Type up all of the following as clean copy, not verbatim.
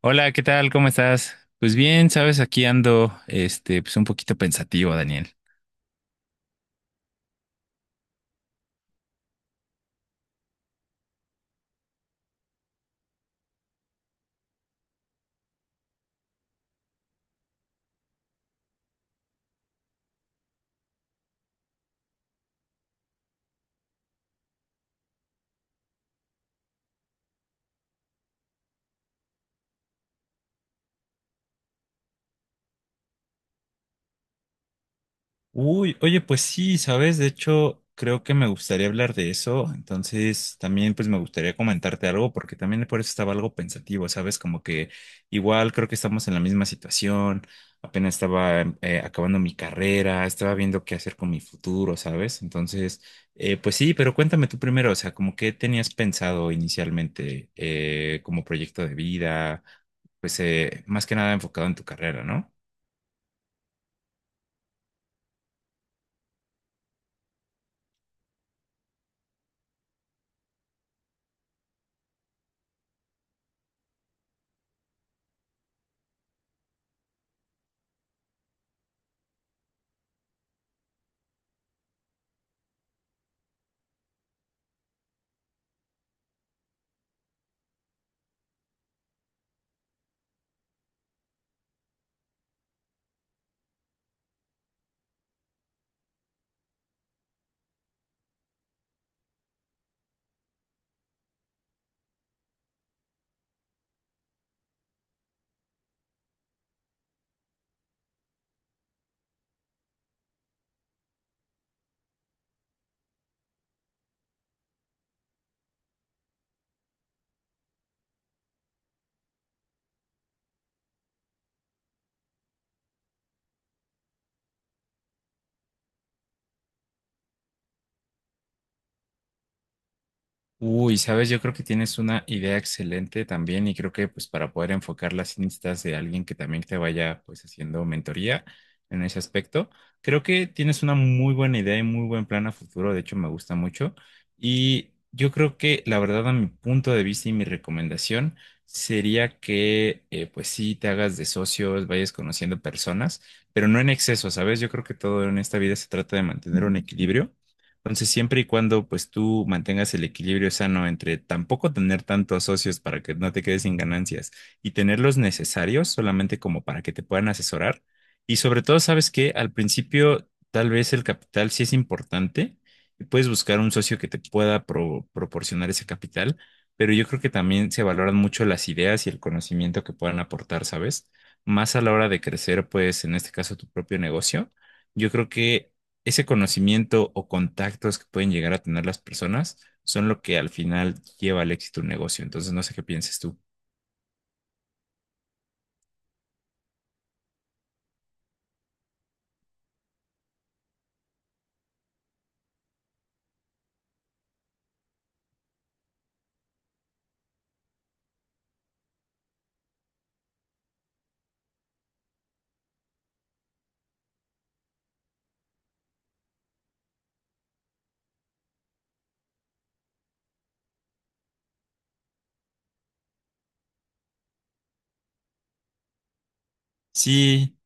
Hola, ¿qué tal? ¿Cómo estás? Pues bien, sabes, aquí ando, este, pues un poquito pensativo, Daniel. Uy, oye, pues sí, sabes, de hecho, creo que me gustaría hablar de eso, entonces también pues me gustaría comentarte algo, porque también por eso estaba algo pensativo, sabes, como que igual creo que estamos en la misma situación. Apenas estaba acabando mi carrera, estaba viendo qué hacer con mi futuro, sabes, entonces, pues sí, pero cuéntame tú primero, o sea, como qué tenías pensado inicialmente, como proyecto de vida, pues más que nada enfocado en tu carrera, ¿no? Uy, sabes, yo creo que tienes una idea excelente también y creo que pues para poder enfocarla sí necesitas de alguien que también te vaya pues haciendo mentoría en ese aspecto. Creo que tienes una muy buena idea y muy buen plan a futuro, de hecho me gusta mucho y yo creo que la verdad, a mi punto de vista, y mi recomendación sería que pues sí te hagas de socios, vayas conociendo personas, pero no en exceso, ¿sabes? Yo creo que todo en esta vida se trata de mantener un equilibrio. Entonces, siempre y cuando pues tú mantengas el equilibrio sano entre tampoco tener tantos socios para que no te quedes sin ganancias y tener los necesarios solamente como para que te puedan asesorar. Y sobre todo, sabes que al principio tal vez el capital sí es importante y puedes buscar un socio que te pueda proporcionar ese capital, pero yo creo que también se valoran mucho las ideas y el conocimiento que puedan aportar, ¿sabes? Más a la hora de crecer, pues en este caso tu propio negocio. Yo creo que ese conocimiento o contactos que pueden llegar a tener las personas son lo que al final lleva al éxito un negocio. Entonces, no sé qué pienses tú. Sí,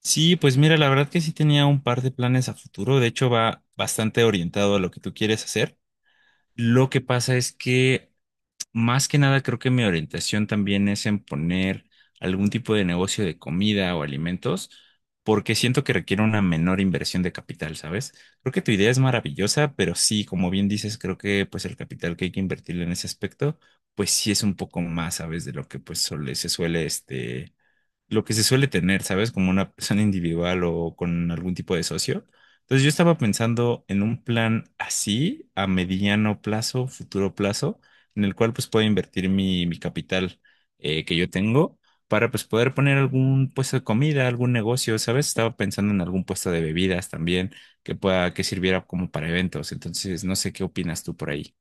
sí, pues mira, la verdad que sí tenía un par de planes a futuro. De hecho, va bastante orientado a lo que tú quieres hacer. Lo que pasa es que, más que nada, creo que mi orientación también es en poner algún tipo de negocio de comida o alimentos, porque siento que requiere una menor inversión de capital, ¿sabes? Creo que tu idea es maravillosa, pero sí, como bien dices, creo que pues el capital que hay que invertirle en ese aspecto, pues sí es un poco más, ¿sabes? De lo que se suele lo que se suele tener, ¿sabes? Como una persona individual o con algún tipo de socio. Entonces yo estaba pensando en un plan así, a mediano plazo, futuro plazo, en el cual pues pueda invertir mi capital que yo tengo, para pues poder poner algún puesto de comida, algún negocio, ¿sabes? Estaba pensando en algún puesto de bebidas también que pueda, que sirviera como para eventos. Entonces no sé qué opinas tú por ahí.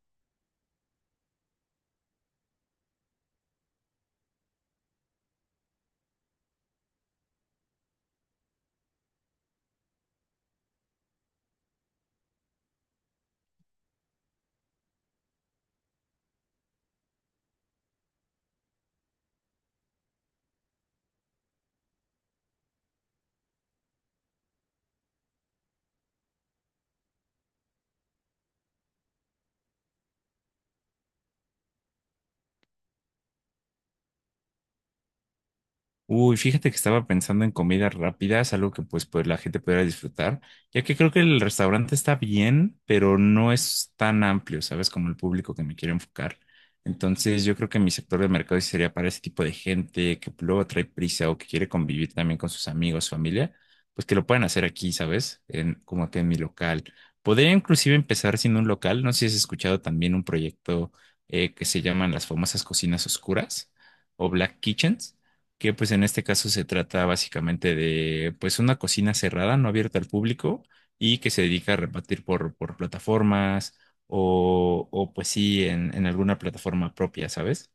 Uy, fíjate que estaba pensando en comidas rápidas, algo que pues la gente pudiera disfrutar, ya que creo que el restaurante está bien, pero no es tan amplio, ¿sabes? Como el público que me quiero enfocar. Entonces, yo creo que mi sector de mercado sí sería para ese tipo de gente que luego trae prisa o que quiere convivir también con sus amigos, familia, pues que lo puedan hacer aquí, ¿sabes? En, como que en mi local. Podría inclusive empezar siendo un local, no sé si has escuchado también un proyecto que se llaman las famosas cocinas oscuras o Black Kitchens, que pues en este caso se trata básicamente de pues una cocina cerrada, no abierta al público y que se dedica a repartir por plataformas o pues sí, en alguna plataforma propia, ¿sabes?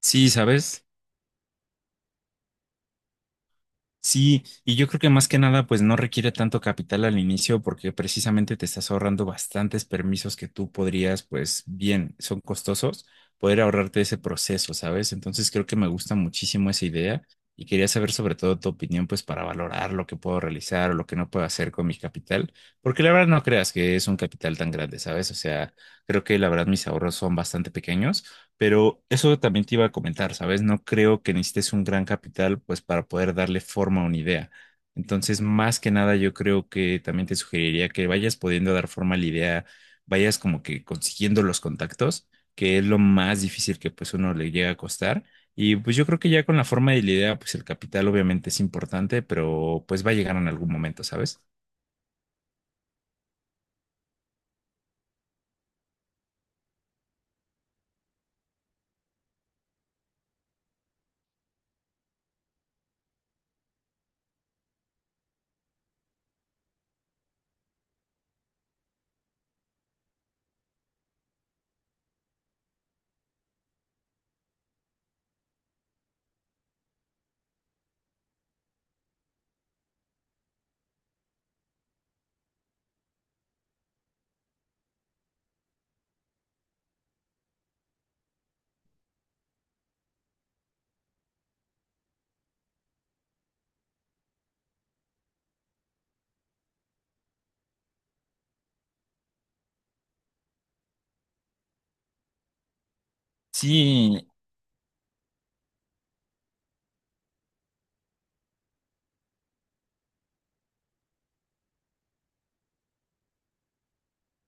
Sí, ¿sabes? Sí, y yo creo que más que nada, pues no requiere tanto capital al inicio porque precisamente te estás ahorrando bastantes permisos que tú podrías, pues bien, son costosos, poder ahorrarte ese proceso, ¿sabes? Entonces creo que me gusta muchísimo esa idea y quería saber sobre todo tu opinión, pues para valorar lo que puedo realizar o lo que no puedo hacer con mi capital, porque la verdad no creas que es un capital tan grande, ¿sabes? O sea, creo que la verdad mis ahorros son bastante pequeños. Pero eso también te iba a comentar, ¿sabes? No creo que necesites un gran capital pues para poder darle forma a una idea. Entonces, más que nada, yo creo que también te sugeriría que vayas pudiendo dar forma a la idea, vayas como que consiguiendo los contactos, que es lo más difícil que pues uno le llega a costar. Y pues yo creo que ya con la forma de la idea, pues el capital obviamente es importante, pero pues va a llegar en algún momento, ¿sabes? Sí,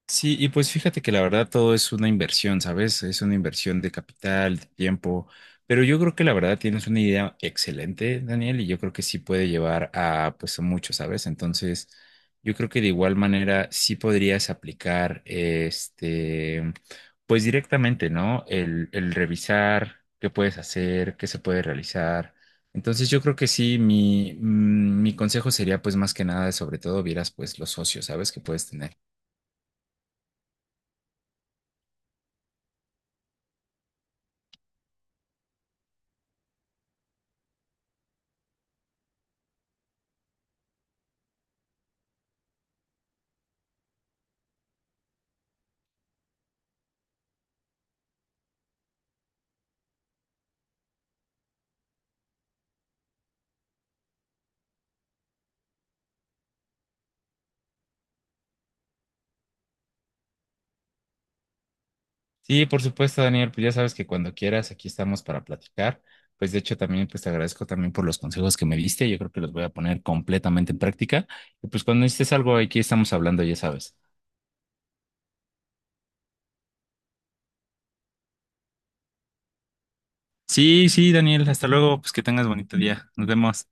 sí, y pues fíjate que la verdad todo es una inversión, ¿sabes? Es una inversión de capital, de tiempo, pero yo creo que la verdad tienes una idea excelente, Daniel, y yo creo que sí puede llevar a pues a mucho, ¿sabes? Entonces, yo creo que de igual manera sí podrías aplicar este, pues directamente, ¿no? El revisar qué puedes hacer, qué se puede realizar. Entonces yo creo que sí, mi consejo sería pues más que nada, sobre todo vieras pues los socios, ¿sabes? Que puedes tener. Sí, por supuesto, Daniel, pues ya sabes que cuando quieras, aquí estamos para platicar. Pues de hecho también pues te agradezco también por los consejos que me diste, yo creo que los voy a poner completamente en práctica. Y pues cuando necesites algo, aquí estamos hablando, ya sabes. Sí, sí, Daniel, hasta luego, pues que tengas bonito día. Nos vemos.